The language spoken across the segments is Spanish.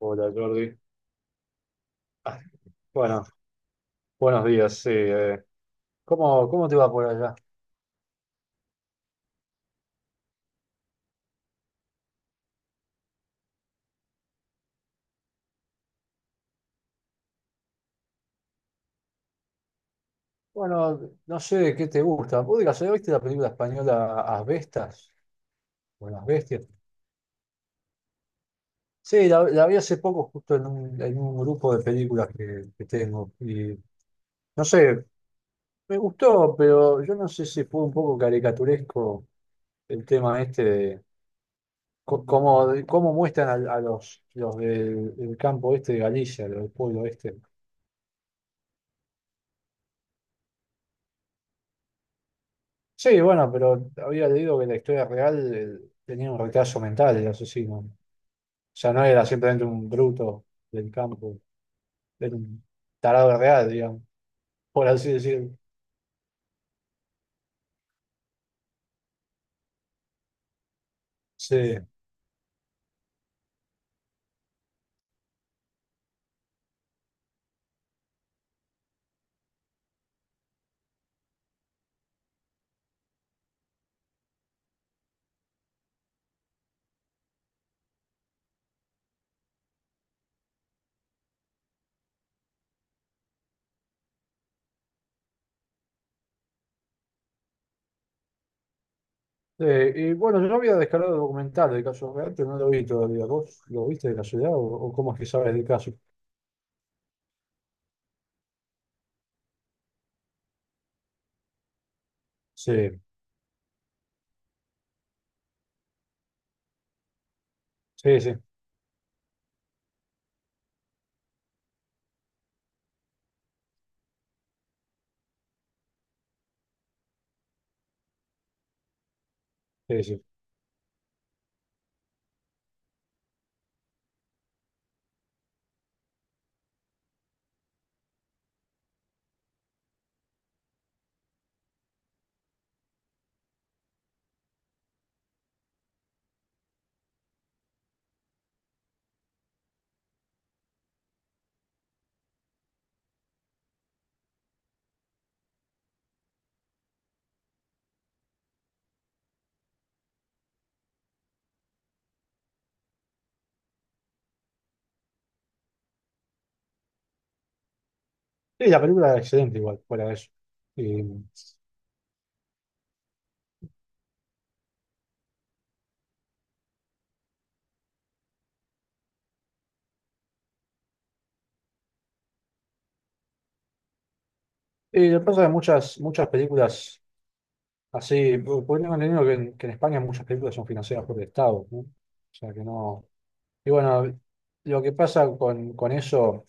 Hola Jordi. Ah, Bueno, buenos días. Sí, ¿Cómo te va por allá? Bueno, no sé qué te gusta. ¿Vos digas, ¿viste la película española Asbestas? O Las Bestias. Sí, la vi hace poco justo en un grupo de películas que tengo. Y no sé, me gustó, pero yo no sé si fue un poco caricaturesco el tema este de cómo muestran a, a los del campo este de Galicia, los del pueblo este. Sí, bueno, pero había leído que la historia real tenía un retraso mental el asesino. O sea, no era simplemente un bruto del campo, era un tarado real, digamos, por así decirlo. Sí. Y bueno, yo había descargado el documental del caso real, pero no lo vi todavía. ¿Vos lo viste de casualidad o cómo es que sabes del caso? Sí, sí, sí, sí, sí. Sí, la película era excelente igual, fuera de eso. Y, y lo que pasa es que muchas películas podríamos entendido que en España muchas películas son financiadas por el Estado, ¿no? O sea que no. Y bueno, lo que pasa con eso,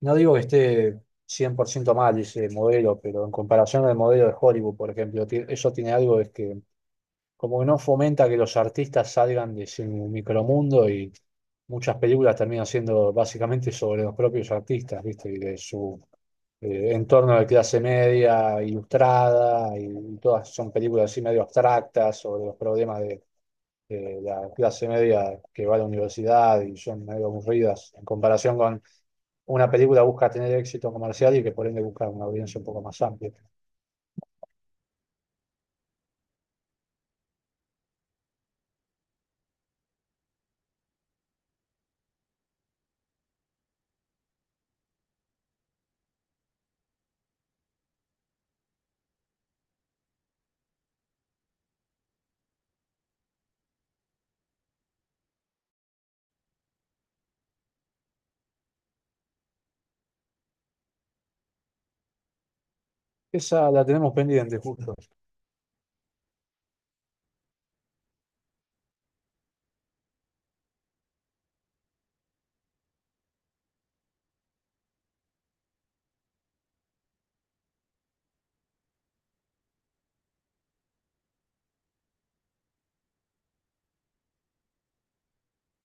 no digo que esté 100% mal ese modelo, pero en comparación al modelo de Hollywood, por ejemplo, eso tiene algo es que como que no fomenta que los artistas salgan de su micromundo y muchas películas terminan siendo básicamente sobre los propios artistas, ¿viste? Y de su en torno a la clase media, ilustrada, y todas son películas así medio abstractas sobre los problemas de la clase media que va a la universidad y son medio aburridas en comparación con una película que busca tener éxito comercial y que por ende busca una audiencia un poco más amplia. Esa la tenemos pendiente, justo.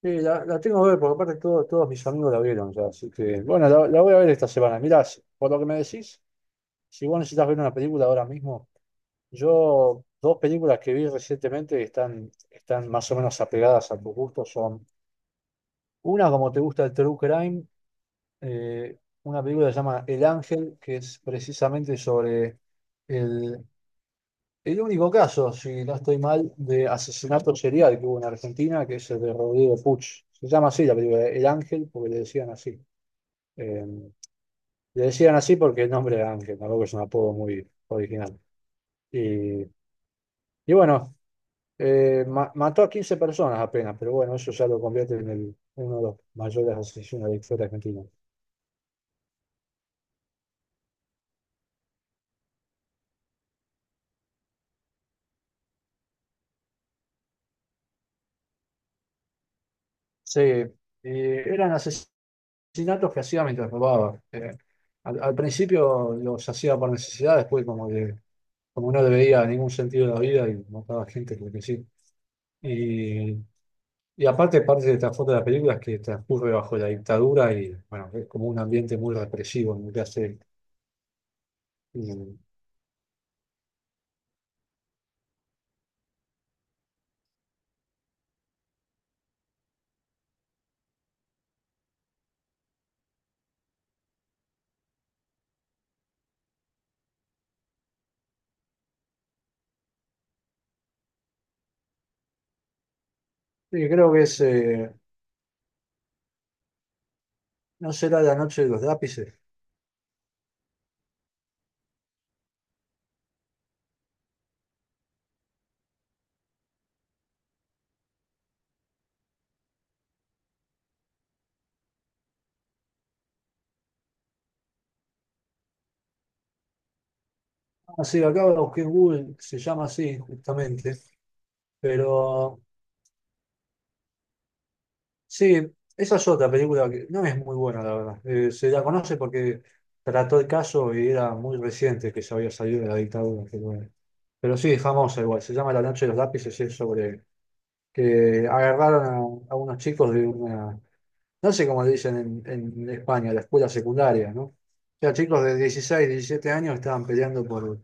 Sí, la tengo que ver, porque aparte todos mis amigos la vieron ya, así que bueno, la voy a ver esta semana. Mirá, por lo que me decís, si vos necesitas ver una película ahora mismo, yo dos películas que vi recientemente que están, están más o menos apegadas a tu gusto son una como te gusta el True Crime, eh, una película que se llama El Ángel, que es precisamente sobre el, el único caso, si no estoy mal, de asesinato serial que hubo en Argentina, que es el de Rodrigo Puch. Se llama así la película, El Ángel, porque le decían así. Eh, Le decían así porque el nombre era Ángel, tampoco es un apodo muy original. Y, y bueno, mató a 15 personas apenas, pero bueno, eso ya lo convierte en uno de los mayores asesinos de la historia argentina. Sí, eran asesinatos que hacía mientras robaba. Al principio los hacía por necesidad, después como que como no le veía ningún sentido de la vida y mataba gente porque sí. Y, y aparte, parte de trasfondo de la película es que transcurre bajo la dictadura y bueno, es como un ambiente muy represivo en el que hace. Y, y creo que es, no será la noche de los lápices. Así, acá lo busqué en Google, se llama así justamente, pero sí, esa es otra película que no es muy buena, la verdad. Se la conoce porque trató el caso y era muy reciente que se había salido de la dictadura. Pero, bueno. Pero sí, es famosa igual. Se llama La noche de los lápices y es sobre que agarraron a unos chicos de una, no sé cómo le dicen en España, la escuela secundaria, ¿no? O sea, chicos de 16, 17 años estaban peleando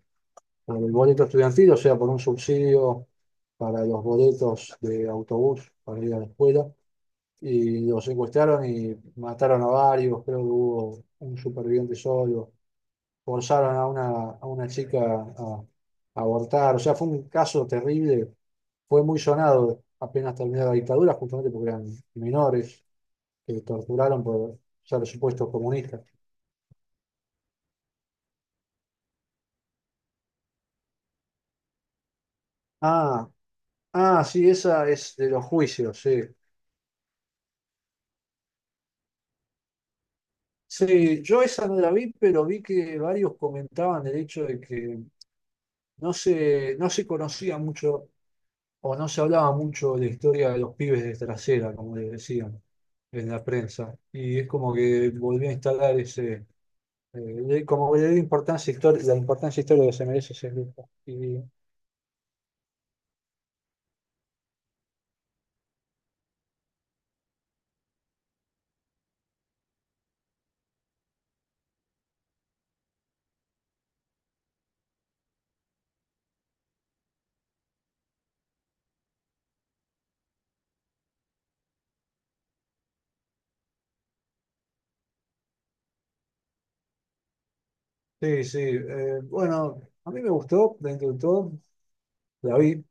por el boleto estudiantil, o sea, por un subsidio para los boletos de autobús para ir a la escuela y lo secuestraron y mataron a varios, creo que hubo un superviviente solo, forzaron a una chica a abortar, o sea, fue un caso terrible, fue muy sonado apenas terminó la dictadura, justamente porque eran menores que torturaron por ser supuestos comunistas. Ah, ah, sí, esa es de los juicios, sí. Sí, yo esa no la vi, pero vi que varios comentaban el hecho de que no se conocía mucho o no se hablaba mucho de la historia de los pibes de trasera, como les decían en la prensa. Y es como que volví a instalar ese, eh, como le di importancia la importancia histórica que se merece ese grupo. Y, sí, sí, bueno, a mí me gustó dentro de todo, la vi,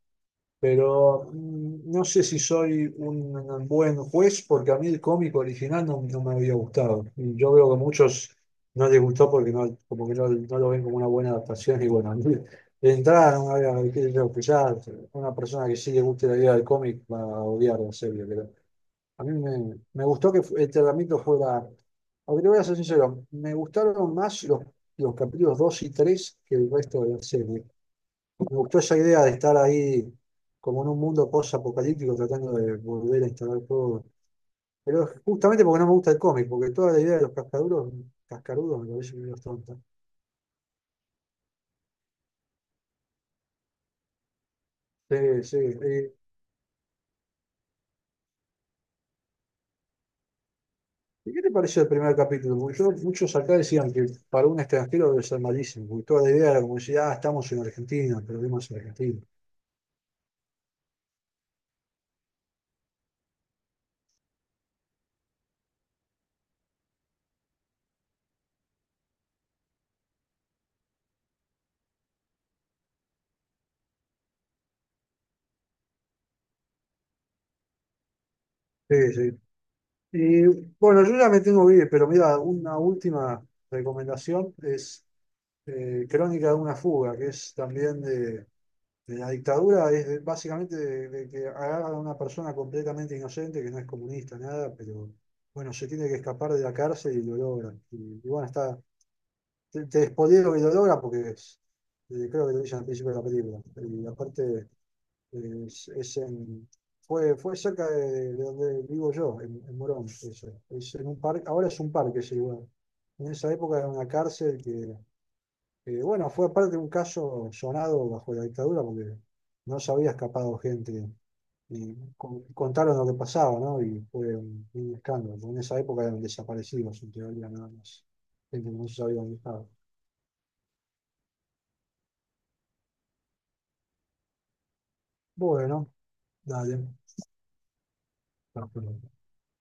pero no sé si soy un buen juez porque a mí el cómico original no me había gustado. Y yo veo que a muchos no les gustó porque como que no lo ven como una buena adaptación. Y bueno, a mí de entrada no me había, qué sé yo, que una persona que sí le guste la idea del cómic va a odiar la serie. Pero a mí me gustó que el tratamiento fuera, aunque te voy a ser sincero, me gustaron más los capítulos 2 y 3 que el resto de la serie. Me gustó esa idea de estar ahí como en un mundo post-apocalíptico tratando de volver a instalar todo. Pero justamente porque no me gusta el cómic, porque toda la idea de los cascarudos me parece que es tonta. Sí, sí. ¿Y qué te pareció el primer capítulo? Porque muchos acá decían que para un extranjero debe ser malísimo, porque toda la idea era como decir, ah, estamos en Argentina, perdemos en Argentina. Sí, sí. Y bueno, yo ya me tengo que ir, pero mira, una última recomendación es Crónica de una fuga, que es también de la dictadura básicamente de que agarran a una persona completamente inocente que no es comunista, nada, pero bueno, se tiene que escapar de la cárcel y lo logran. Y bueno, está, te spoileo que lo logran porque creo que lo dicen al principio de la película. Y aparte es en, fue cerca de donde vivo yo, en Morón, eso. Es en un parque, ahora es un parque ese lugar. En esa época era una cárcel que bueno, fue aparte un caso sonado bajo la dictadura porque no se había escapado gente y contaron lo que pasaba, ¿no? Y fue un escándalo. En esa época eran desaparecidos, en teoría, nada más. Gente que no se sabía dónde estaba. Bueno, dale. Perfecto.